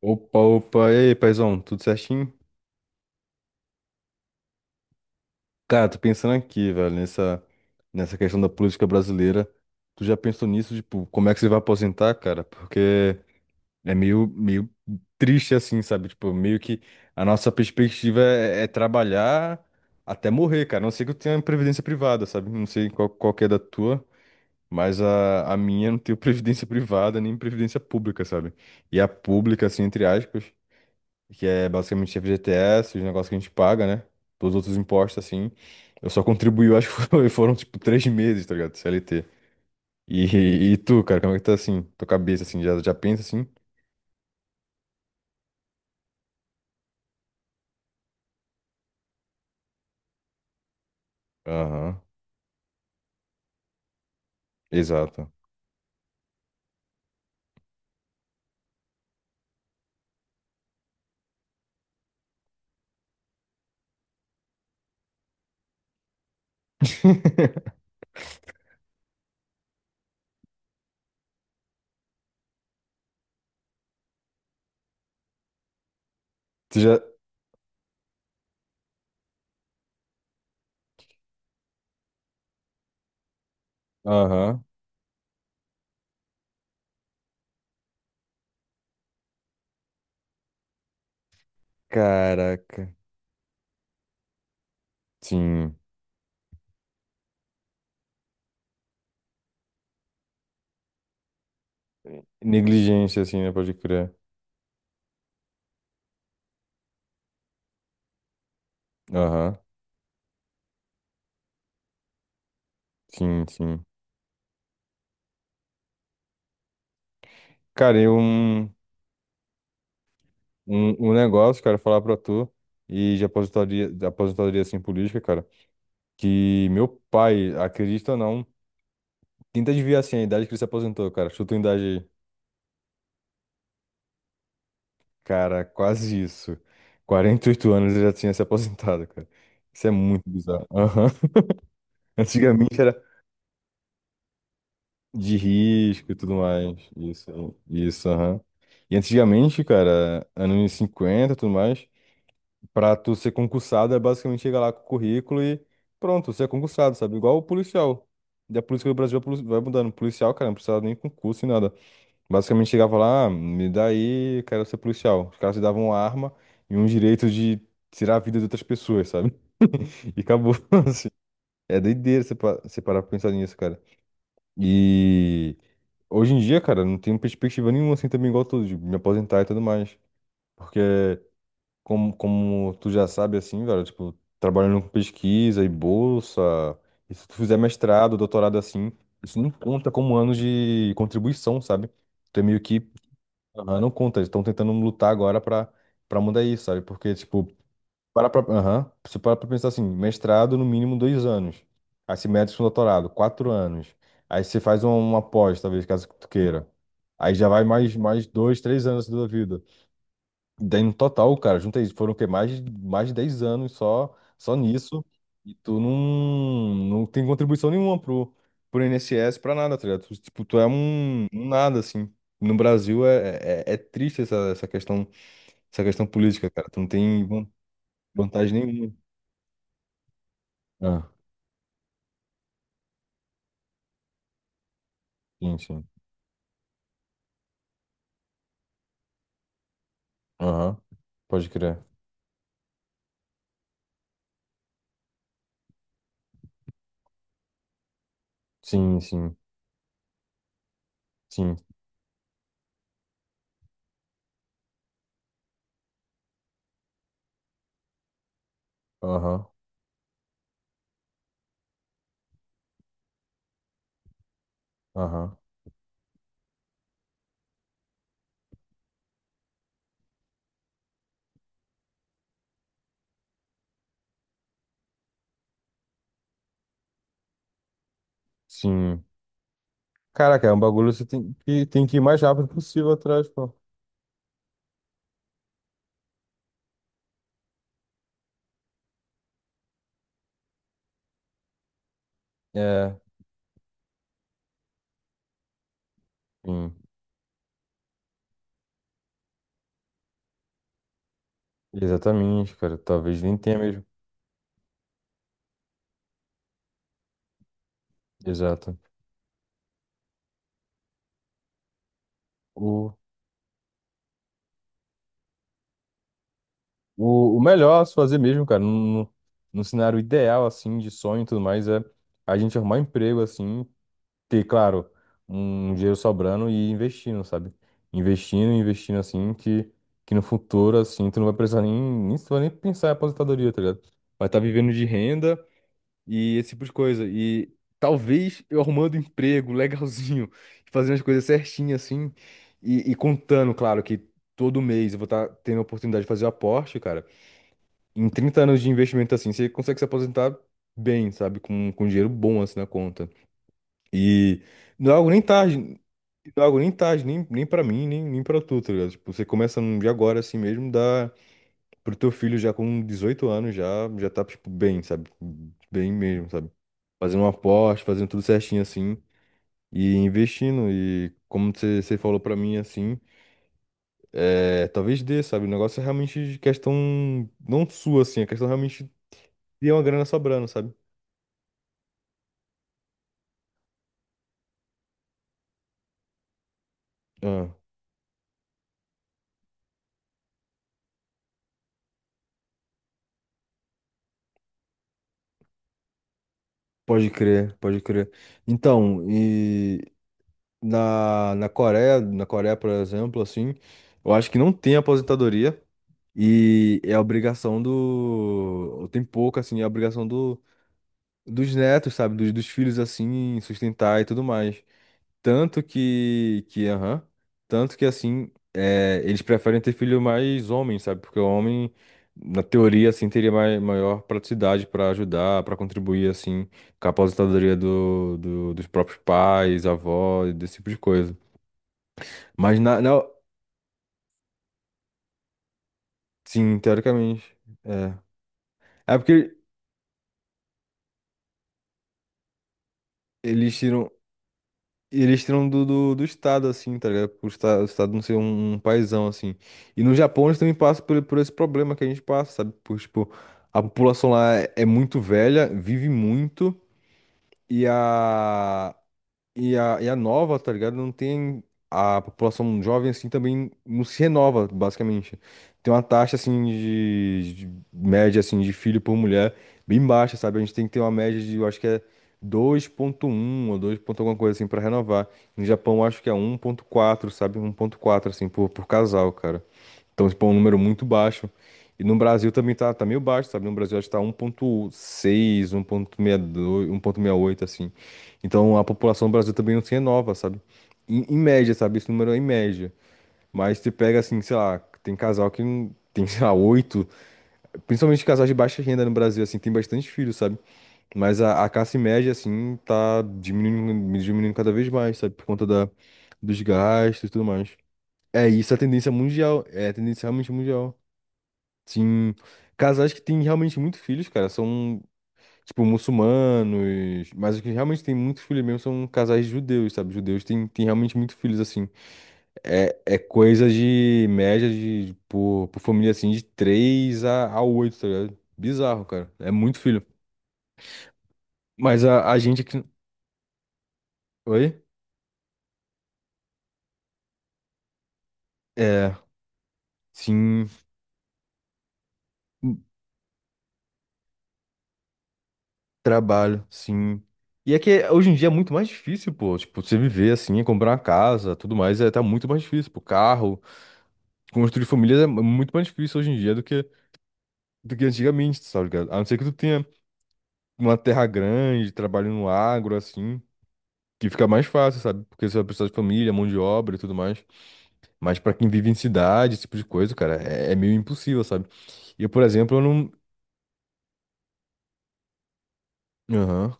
Opa, opa, e aí, paizão, tudo certinho? Cara, tô pensando aqui, velho, nessa questão da política brasileira. Tu já pensou nisso, tipo, como é que você vai aposentar, cara? Porque é meio triste assim, sabe? Tipo, meio que a nossa perspectiva é trabalhar até morrer, cara. A não ser que eu tenha previdência privada, sabe? Não sei qual que é da tua, mas a minha não tem previdência privada nem previdência pública, sabe? E a pública, assim, entre aspas, que é basicamente FGTS, os negócios que a gente paga, né? Todos os outros impostos, assim. Eu só contribuí, eu acho que foram, tipo, três meses, tá ligado? CLT. E tu, cara, como é que tá, assim? Tua cabeça, assim, já pensa, assim? Aham, exato. Tu já... Aham. Caraca. Sim. Negligência, assim, né? Pode crer. Aham. Sim, sim. Cara, eu... Um negócio, cara, falar pra tu e de aposentadoria, assim, política, cara. Que meu pai, acredita ou não, tenta adivinhar assim a idade que ele se aposentou, cara. Chuta uma idade aí. Cara, quase isso. 48 anos ele já tinha se aposentado, cara. Isso é muito bizarro. Aham. Antigamente era de risco e tudo mais. Isso, aham. E antigamente, cara, anos 50 e tudo mais, pra tu ser concursado é basicamente chegar lá com o currículo e pronto, você é concursado, sabe? Igual o policial. E a política do Brasil vai vai mudando. Policial, cara, não precisa nem concurso e nada. Basicamente chegava lá, "Ah, me dá aí, eu quero ser policial." Os caras te davam uma arma e um direito de tirar a vida de outras pessoas, sabe? E acabou, assim. É doideira você você parar pra pensar nisso, cara. E hoje em dia, cara, não tenho perspectiva nenhuma assim também igual tu, de me aposentar e tudo mais. Porque, como tu já sabe, assim, velho, tipo, trabalhando com pesquisa e bolsa, e se tu fizer mestrado, doutorado assim, isso não conta como anos de contribuição, sabe? Tu é meio que aham, não conta, eles estão tentando lutar agora pra mudar isso, sabe? Porque, tipo, aham, você para pra pensar assim, mestrado no mínimo dois anos, aí você mete com doutorado, quatro anos, aí você faz uma pós, talvez, caso tu queira, aí já vai mais dois, três anos da tua vida. Daí no total, cara, junta aí, foram o quê? Mais de 10 anos só, só nisso. E tu não tem contribuição nenhuma pro INSS, pra nada, tá ligado? Tu, tipo, tu é um nada, assim. No Brasil é triste essa questão, essa questão política, cara. Tu não tem vantagem nenhuma. Ah, sim, sim. Aham. Pode crer. Sim, sim, sim. Aham, aham. Sim. Caraca, é um bagulho que você tem tem que ir mais rápido possível atrás, pô. É. Sim. Exatamente, cara. Talvez nem tenha mesmo. Exato. O, o melhor a se fazer mesmo, cara, no no cenário ideal, assim, de sonho e tudo mais, é a gente arrumar um emprego, assim, ter, claro, um dinheiro sobrando e investindo, sabe? Investindo, investindo, assim, que no futuro, assim, tu não vai precisar nem, nem, tu vai nem pensar em aposentadoria, tá ligado? Vai estar vivendo de renda. E esse tipo de coisa. E talvez eu arrumando um emprego legalzinho, fazendo as coisas certinho assim, e contando, claro, que todo mês eu vou estar tendo a oportunidade de fazer o aporte, cara. Em 30 anos de investimento assim, você consegue se aposentar bem, sabe? Com dinheiro bom assim na conta. E não é algo nem tarde, não é algo nem tarde, nem pra mim, nem pra tu, tá ligado? Tipo, você começa de agora assim mesmo, dá pro teu filho já com 18 anos já já tá tipo bem, sabe? Bem mesmo, sabe? Fazendo um aporte, fazendo tudo certinho assim e investindo e como você falou pra mim assim, é, talvez dê, sabe? O negócio é realmente de questão não sua assim, a questão realmente de uma grana sobrando, sabe? Ah, pode crer, pode crer. Então, e na Coreia, na Coreia, por exemplo, assim, eu acho que não tem aposentadoria. E é a obrigação do. Tem pouco, assim, é a obrigação do... dos netos, sabe? Dos filhos, assim, sustentar e tudo mais. Tanto que. Que aham. Tanto que, assim, é... eles preferem ter filho mais homem, sabe? Porque o homem, na teoria, assim, teria maior praticidade para ajudar, para contribuir, assim, com a aposentadoria dos próprios pais, avós, desse tipo de coisa. Mas, sim, teoricamente. É. É porque eles tiram. E eles tiram do Estado, assim, tá ligado? Por o Estado não ser um paizão, assim. E no Japão eles também passam por esse problema que a gente passa, sabe? Por, tipo, a população lá é muito velha, vive muito, e a, e a nova, tá ligado? Não tem. A população jovem, assim, também não se renova, basicamente. Tem uma taxa, assim, de média, assim, de filho por mulher bem baixa, sabe? A gente tem que ter uma média de, eu acho que é dois ponto um ou 2 ponto alguma coisa, assim, pra renovar. No Japão, eu acho que é um ponto quatro, sabe? Um ponto quatro assim, por casal, cara. Então, tipo, é um número muito baixo. E no Brasil também tá meio baixo, sabe? No Brasil acho que tá 1,6, 1,62, oito, assim. Então a população do Brasil também não se renova, sabe? Em média, sabe? Esse número é em média. Mas você pega, assim, sei lá, tem casal que tem, sei lá, oito. Principalmente casais de baixa renda no Brasil, assim, tem bastante filhos, sabe? Mas a classe média, assim, tá diminuindo, diminuindo cada vez mais, sabe? Por conta da, dos gastos e tudo mais. É, isso é a tendência mundial. É a tendência realmente mundial. Sim, casais que têm realmente muitos filhos, cara, são, tipo, muçulmanos, mas os que realmente têm muitos filhos mesmo são casais judeus, sabe? Judeus têm realmente muitos filhos, assim. É, é coisa de média de, por família, assim, de 3 a oito, tá ligado? Bizarro, cara. É muito filho. Mas a gente aqui... Oi? É, sim, trabalho, sim. E é que hoje em dia é muito mais difícil, pô. Tipo, você viver assim, é comprar uma casa, tudo mais, é, tá muito mais difícil, pô. Carro. Construir família é muito mais difícil hoje em dia do que antigamente, sabe, ligado? A não ser que tu tenha uma terra grande, trabalhe no agro, assim, que fica mais fácil, sabe? Porque você vai precisar de família, mão de obra e tudo mais. Mas pra quem vive em cidade, esse tipo de coisa, cara, é meio impossível, sabe? E eu, por exemplo, eu não. Aham,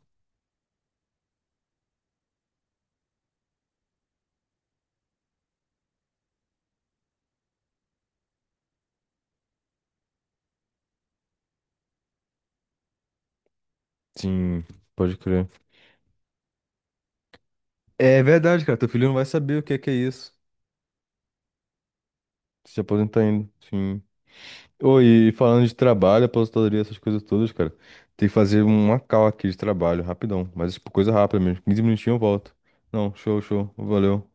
sim, pode crer. É verdade, cara, teu filho não vai saber o que é isso. Se aposentar ainda, sim. Ô, e falando de trabalho, aposentadoria, essas coisas todas, cara, tem que fazer uma call aqui de trabalho, rapidão. Mas, tipo, coisa rápida mesmo. 15 minutinhos eu volto. Não, show, show. Valeu.